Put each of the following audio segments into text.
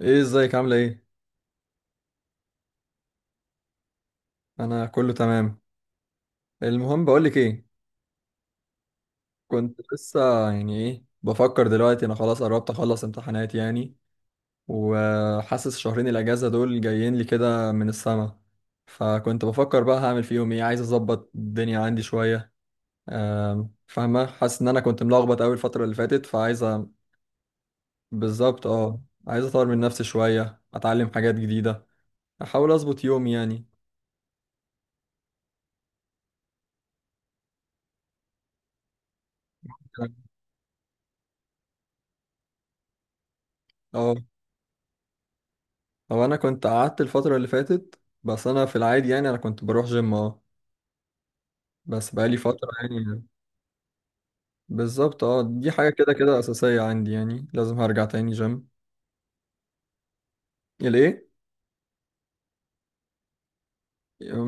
ايه، ازيك؟ عامله ايه؟ انا كله تمام. المهم بقولك ايه. كنت لسه يعني ايه بفكر دلوقتي، انا خلاص قربت اخلص امتحانات يعني. وحاسس شهرين الاجازه دول جايين لي كده من السما. فكنت بفكر بقى هعمل فيهم ايه، عايز اظبط الدنيا عندي شويه. فاهمه، حاسس ان انا كنت ملخبط قوي الفتره اللي فاتت، فعايز بالظبط اه. عايز اطور من نفسي شويه، اتعلم حاجات جديده، احاول اظبط يومي يعني. اه. هو انا كنت قعدت الفتره اللي فاتت، بس انا في العادي يعني انا كنت بروح جيم اه، بس بقالي فتره يعني. بالظبط اه، دي حاجه كده كده اساسيه عندي، يعني لازم هرجع تاني جيم. ليه؟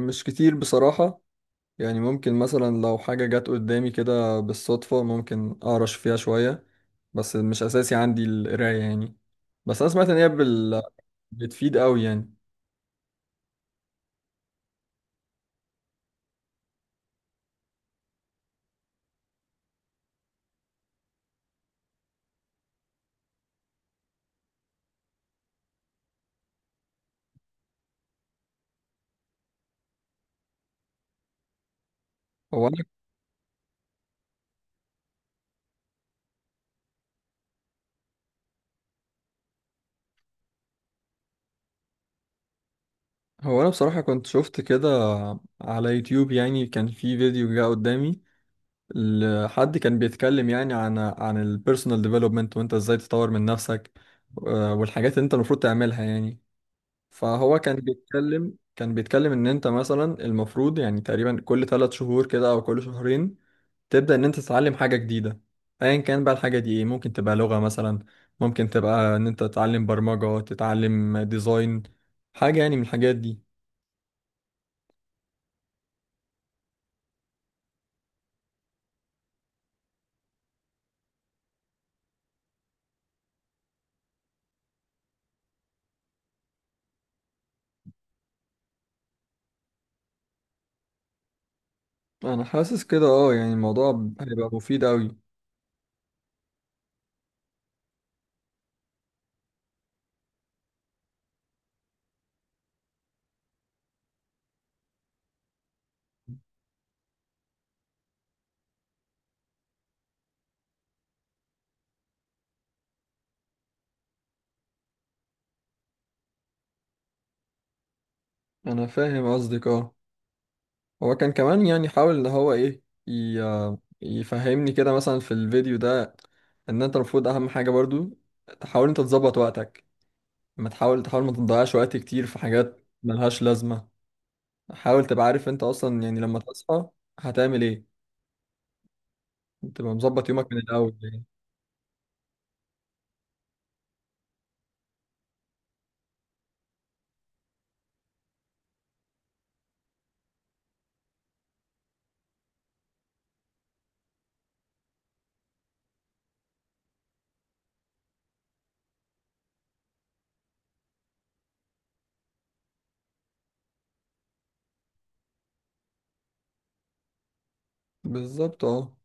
مش كتير بصراحه، يعني ممكن مثلا لو حاجه جت قدامي كده بالصدفه ممكن اقرش فيها شويه، بس مش اساسي عندي القرايه يعني. بس انا سمعت ان هي بتفيد قوي يعني. هو انا هو انا بصراحه كنت شفت كده على يوتيوب يعني، كان في فيديو جه قدامي، حد كان بيتكلم يعني عن البيرسونال ديفلوبمنت، وانت ازاي تطور من نفسك. والحاجات اللي انت المفروض تعملها يعني. فهو كان بيتكلم ان انت مثلا المفروض يعني تقريبا كل 3 شهور كده او كل شهرين تبدأ ان انت تتعلم حاجة جديدة. ايا كان بقى الحاجة دي ايه، ممكن تبقى لغة مثلا، ممكن تبقى ان انت تتعلم برمجة، تتعلم ديزاين، حاجة يعني من الحاجات دي. انا حاسس كده اه، يعني الموضوع هيبقى مفيد قوي. انا فاهم قصدك اه. هو كان كمان يعني حاول ان هو ايه، ي- يفهمني كده مثلا في الفيديو ده، ان انت المفروض اهم حاجة برضو تحاول انت تظبط وقتك، ما تحاول ما تضيعش وقت كتير في حاجات ملهاش لازمة. حاول تبقى عارف انت اصلا يعني لما تصحى هتعمل ايه، تبقى مظبط يومك من الاول يعني. بالظبط اه.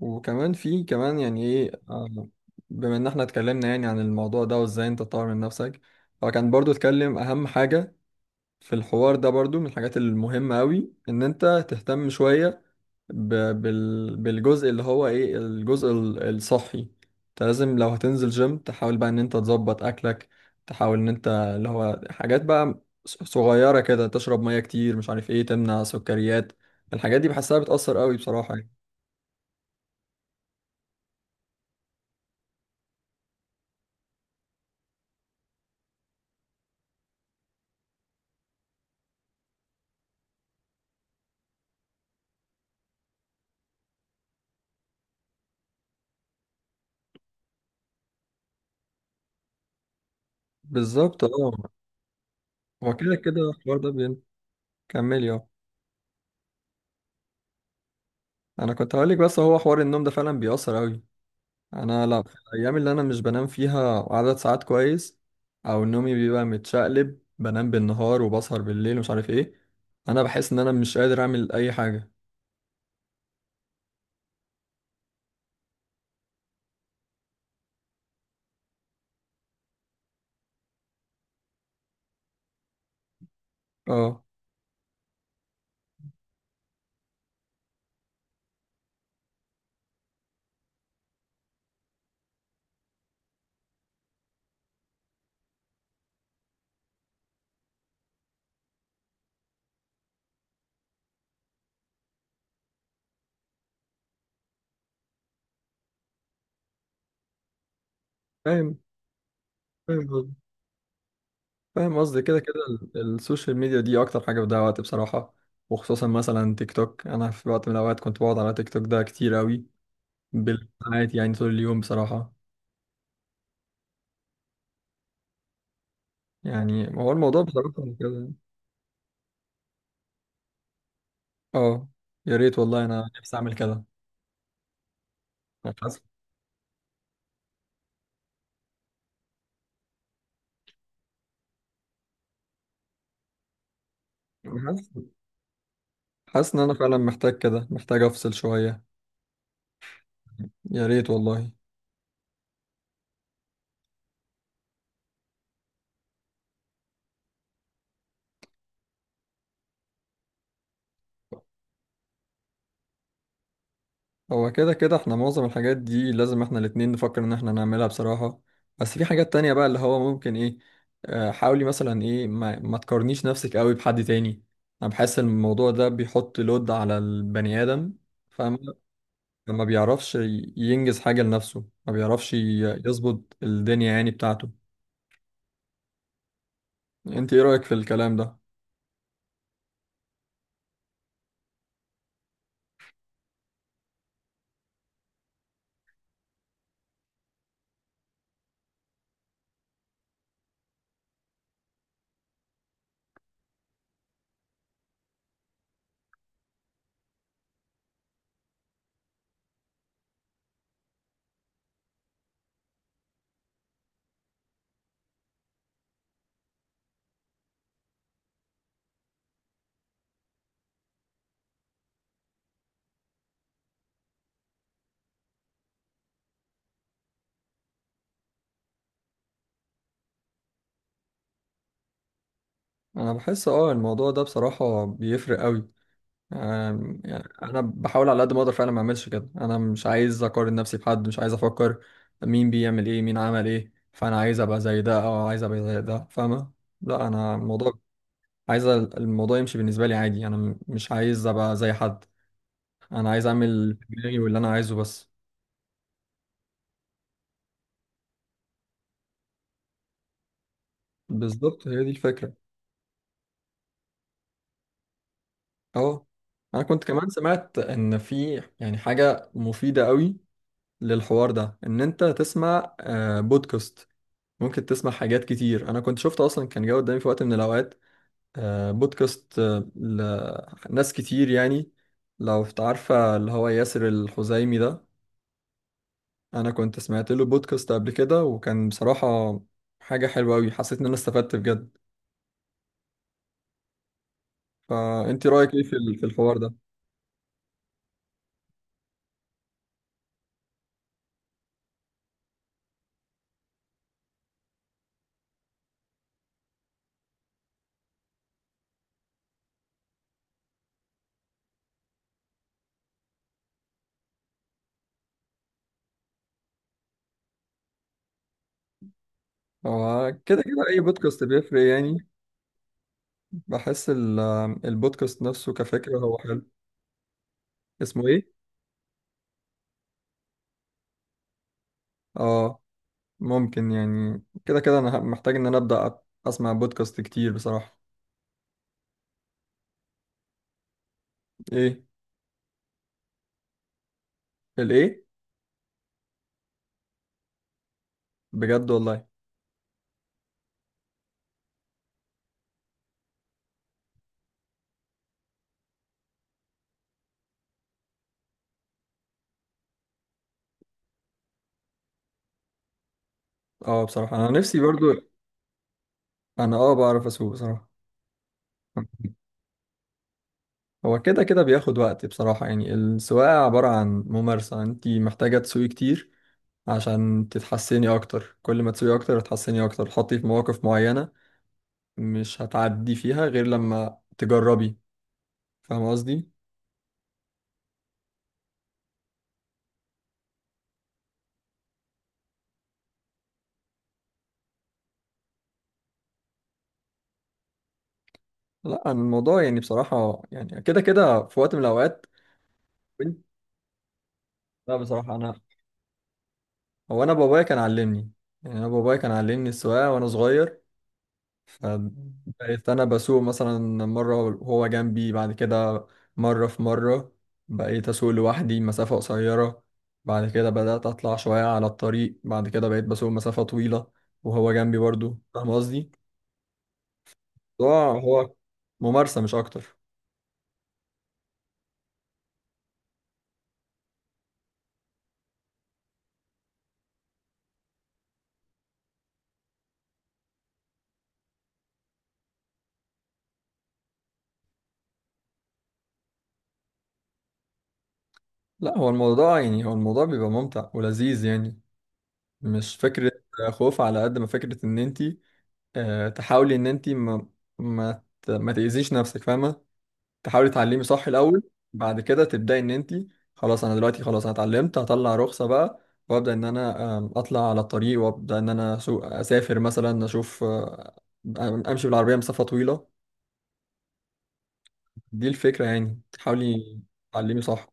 وكمان في كمان يعني ايه، بما ان احنا اتكلمنا يعني عن الموضوع ده وازاي انت تطور من نفسك، هو كان برضو اتكلم اهم حاجة في الحوار ده برضو من الحاجات المهمة أوي إن أنت تهتم شوية ب... بالجزء اللي هو إيه، الجزء الصحي. أنت لازم لو هتنزل جيم تحاول بقى إن أنت تظبط أكلك، تحاول إن أنت اللي هو حاجات بقى صغيرة كده، تشرب مية كتير، مش عارف إيه، تمنع سكريات. الحاجات دي بحسها بتأثر أوي بصراحة يعني. بالظبط أه. هو كده كده الحوار ده بين... كملي أه. أنا كنت هقولك، بس هو حوار النوم ده فعلا بيأثر أوي. انا لا في الايام اللي انا مش بنام فيها عدد ساعات كويس، او نومي بيبقى متشقلب، بنام بالنهار وبسهر بالليل ومش عارف ايه، انا بحس ان انا مش قادر اعمل اي حاجه. اه فاهم. فاهم قصدي. فاهم قصدي، كده كده السوشيال ميديا دي اكتر حاجه بتضيع وقت بصراحه، وخصوصا مثلا تيك توك. انا في وقت من الاوقات كنت بقعد على تيك توك ده كتير قوي، بالساعات يعني طول اليوم بصراحه. يعني هو الموضوع بصراحه كده اه. يا ريت والله، انا نفسي اعمل كده. أنا حاسس حاسس ان انا فعلا محتاج كده، محتاج افصل شوية. يا ريت والله. هو كده كده احنا معظم الحاجات دي لازم احنا الاتنين نفكر ان احنا نعملها بصراحة. بس في حاجات تانية بقى اللي هو ممكن ايه، حاولي مثلا ايه، ما تقارنيش نفسك قوي بحد تاني. انا بحس ان الموضوع ده بيحط لود على البني ادم، فاهم. ما بيعرفش ينجز حاجة لنفسه، ما بيعرفش يظبط الدنيا يعني بتاعته. انت ايه رأيك في الكلام ده؟ انا بحس اه الموضوع ده بصراحة بيفرق قوي. يعني انا بحاول على قد ما اقدر فعلا ما اعملش كده، انا مش عايز اقارن نفسي بحد، مش عايز افكر مين بيعمل ايه مين عمل ايه، فانا عايز ابقى زي ده او عايز ابقى زي ده، فاهمه. لا انا الموضوع عايز الموضوع يمشي بالنسبه لي عادي، انا مش عايز ابقى زي حد، انا عايز اعمل اللي في دماغي واللي انا عايزه بس. بالظبط هي دي الفكره. اه. انا كنت كمان سمعت ان في يعني حاجه مفيده قوي للحوار ده، ان انت تسمع بودكاست. ممكن تسمع حاجات كتير. انا كنت شفت اصلا كان جه قدامي في وقت من الاوقات بودكاست لناس كتير يعني. لو إنت عارفه اللي هو ياسر الخزايمي ده، انا كنت سمعت له بودكاست قبل كده، وكان بصراحه حاجه حلوه قوي، حسيت ان انا استفدت بجد. فانت رايك ايه في في الحوار ده؟ هو كده كده اي بودكاست بيفرق يعني. بحس البودكاست نفسه كفكره هو حلو. اسمه ايه؟ اه ممكن، يعني كده كده انا محتاج ان انا ابدا اسمع بودكاست كتير بصراحة. ايه؟ الايه؟ بجد والله. اه بصراحة انا نفسي برضو. انا اه بعرف اسوق بصراحة. هو كده كده بياخد وقت بصراحة يعني، السواقة عبارة عن ممارسة، انت محتاجة تسوقي كتير عشان تتحسني اكتر. كل ما تسوقي اكتر هتحسني اكتر، تحطي في مواقف معينة مش هتعدي فيها غير لما تجربي، فاهم قصدي. لا أنا الموضوع يعني بصراحة يعني كده كده في وقت من الاوقات كنت- لا بصراحة انا، هو انا بابايا كان علمني، يعني انا بابايا كان علمني السواقة وانا صغير. بقيت انا بسوق مثلا مره وهو جنبي، بعد كده مره في مره بقيت اسوق لوحدي مسافه قصيره، بعد كده بدات اطلع شويه على الطريق، بعد كده بقيت بسوق مسافه طويله وهو جنبي برضو، فاهم قصدي. الموضوع هو ممارسه مش اكتر. لا هو الموضوع يعني، هو الموضوع بيبقى ممتع ولذيذ يعني، مش فكره خوف على قد ما فكره ان انت تحاولي ان انت ما تاذيش نفسك، فاهمه. تحاولي تعلمي صح الاول، بعد كده تبداي ان انت، خلاص انا دلوقتي خلاص انا اتعلمت هطلع رخصه بقى، وابدا ان انا اطلع على الطريق، وابدا ان انا أسوق، اسافر مثلا، اشوف امشي بالعربيه مسافه طويله. دي الفكره يعني، تحاولي تعلمي صح.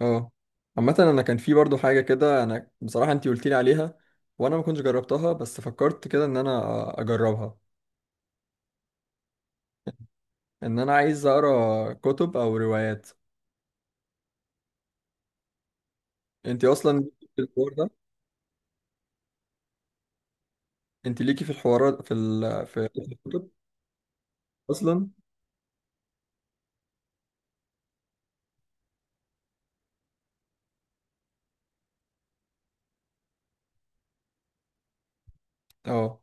اه. عامه انا كان في برضو حاجه كده انا بصراحه انت قلت لي عليها وانا ما كنتش جربتها، بس فكرت كده ان انا اجربها. ان انا عايز اقرا كتب او روايات. انت اصلا، انت ليكي في الحوارات في ال... في في الكتب اصلا؟ اه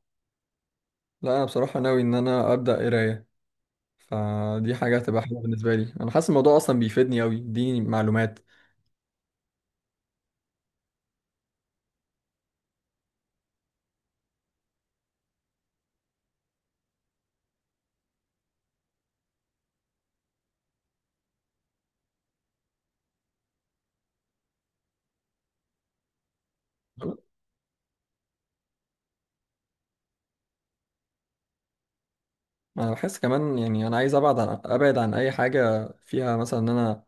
لا، انا بصراحه ناوي ان انا ابدا قرايه، فدي حاجه هتبقى حلوه بالنسبه لي، انا حاسس الموضوع اصلا بيفيدني قوي، يديني معلومات. انا بحس كمان يعني انا عايز ابعد عن اي حاجه فيها مثلا ان انا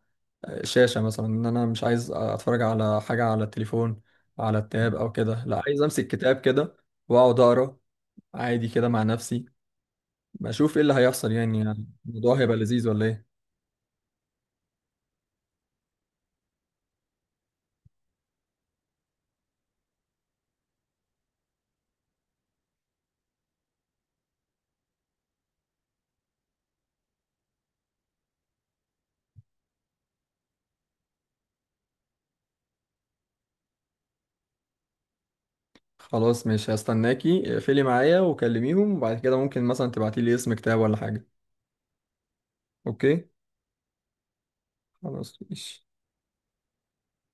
شاشه، مثلا ان انا مش عايز اتفرج على حاجه على التليفون، على التاب او كده. لا عايز امسك كتاب كده واقعد اقرا عادي كده مع نفسي، بشوف ايه اللي هيحصل يعني. يعني الموضوع هيبقى لذيذ ولا ايه؟ خلاص ماشي، هستناكي اقفلي معايا وكلميهم، وبعد كده ممكن مثلا تبعتي لي اسم كتاب ولا حاجة. اوكي خلاص ماشي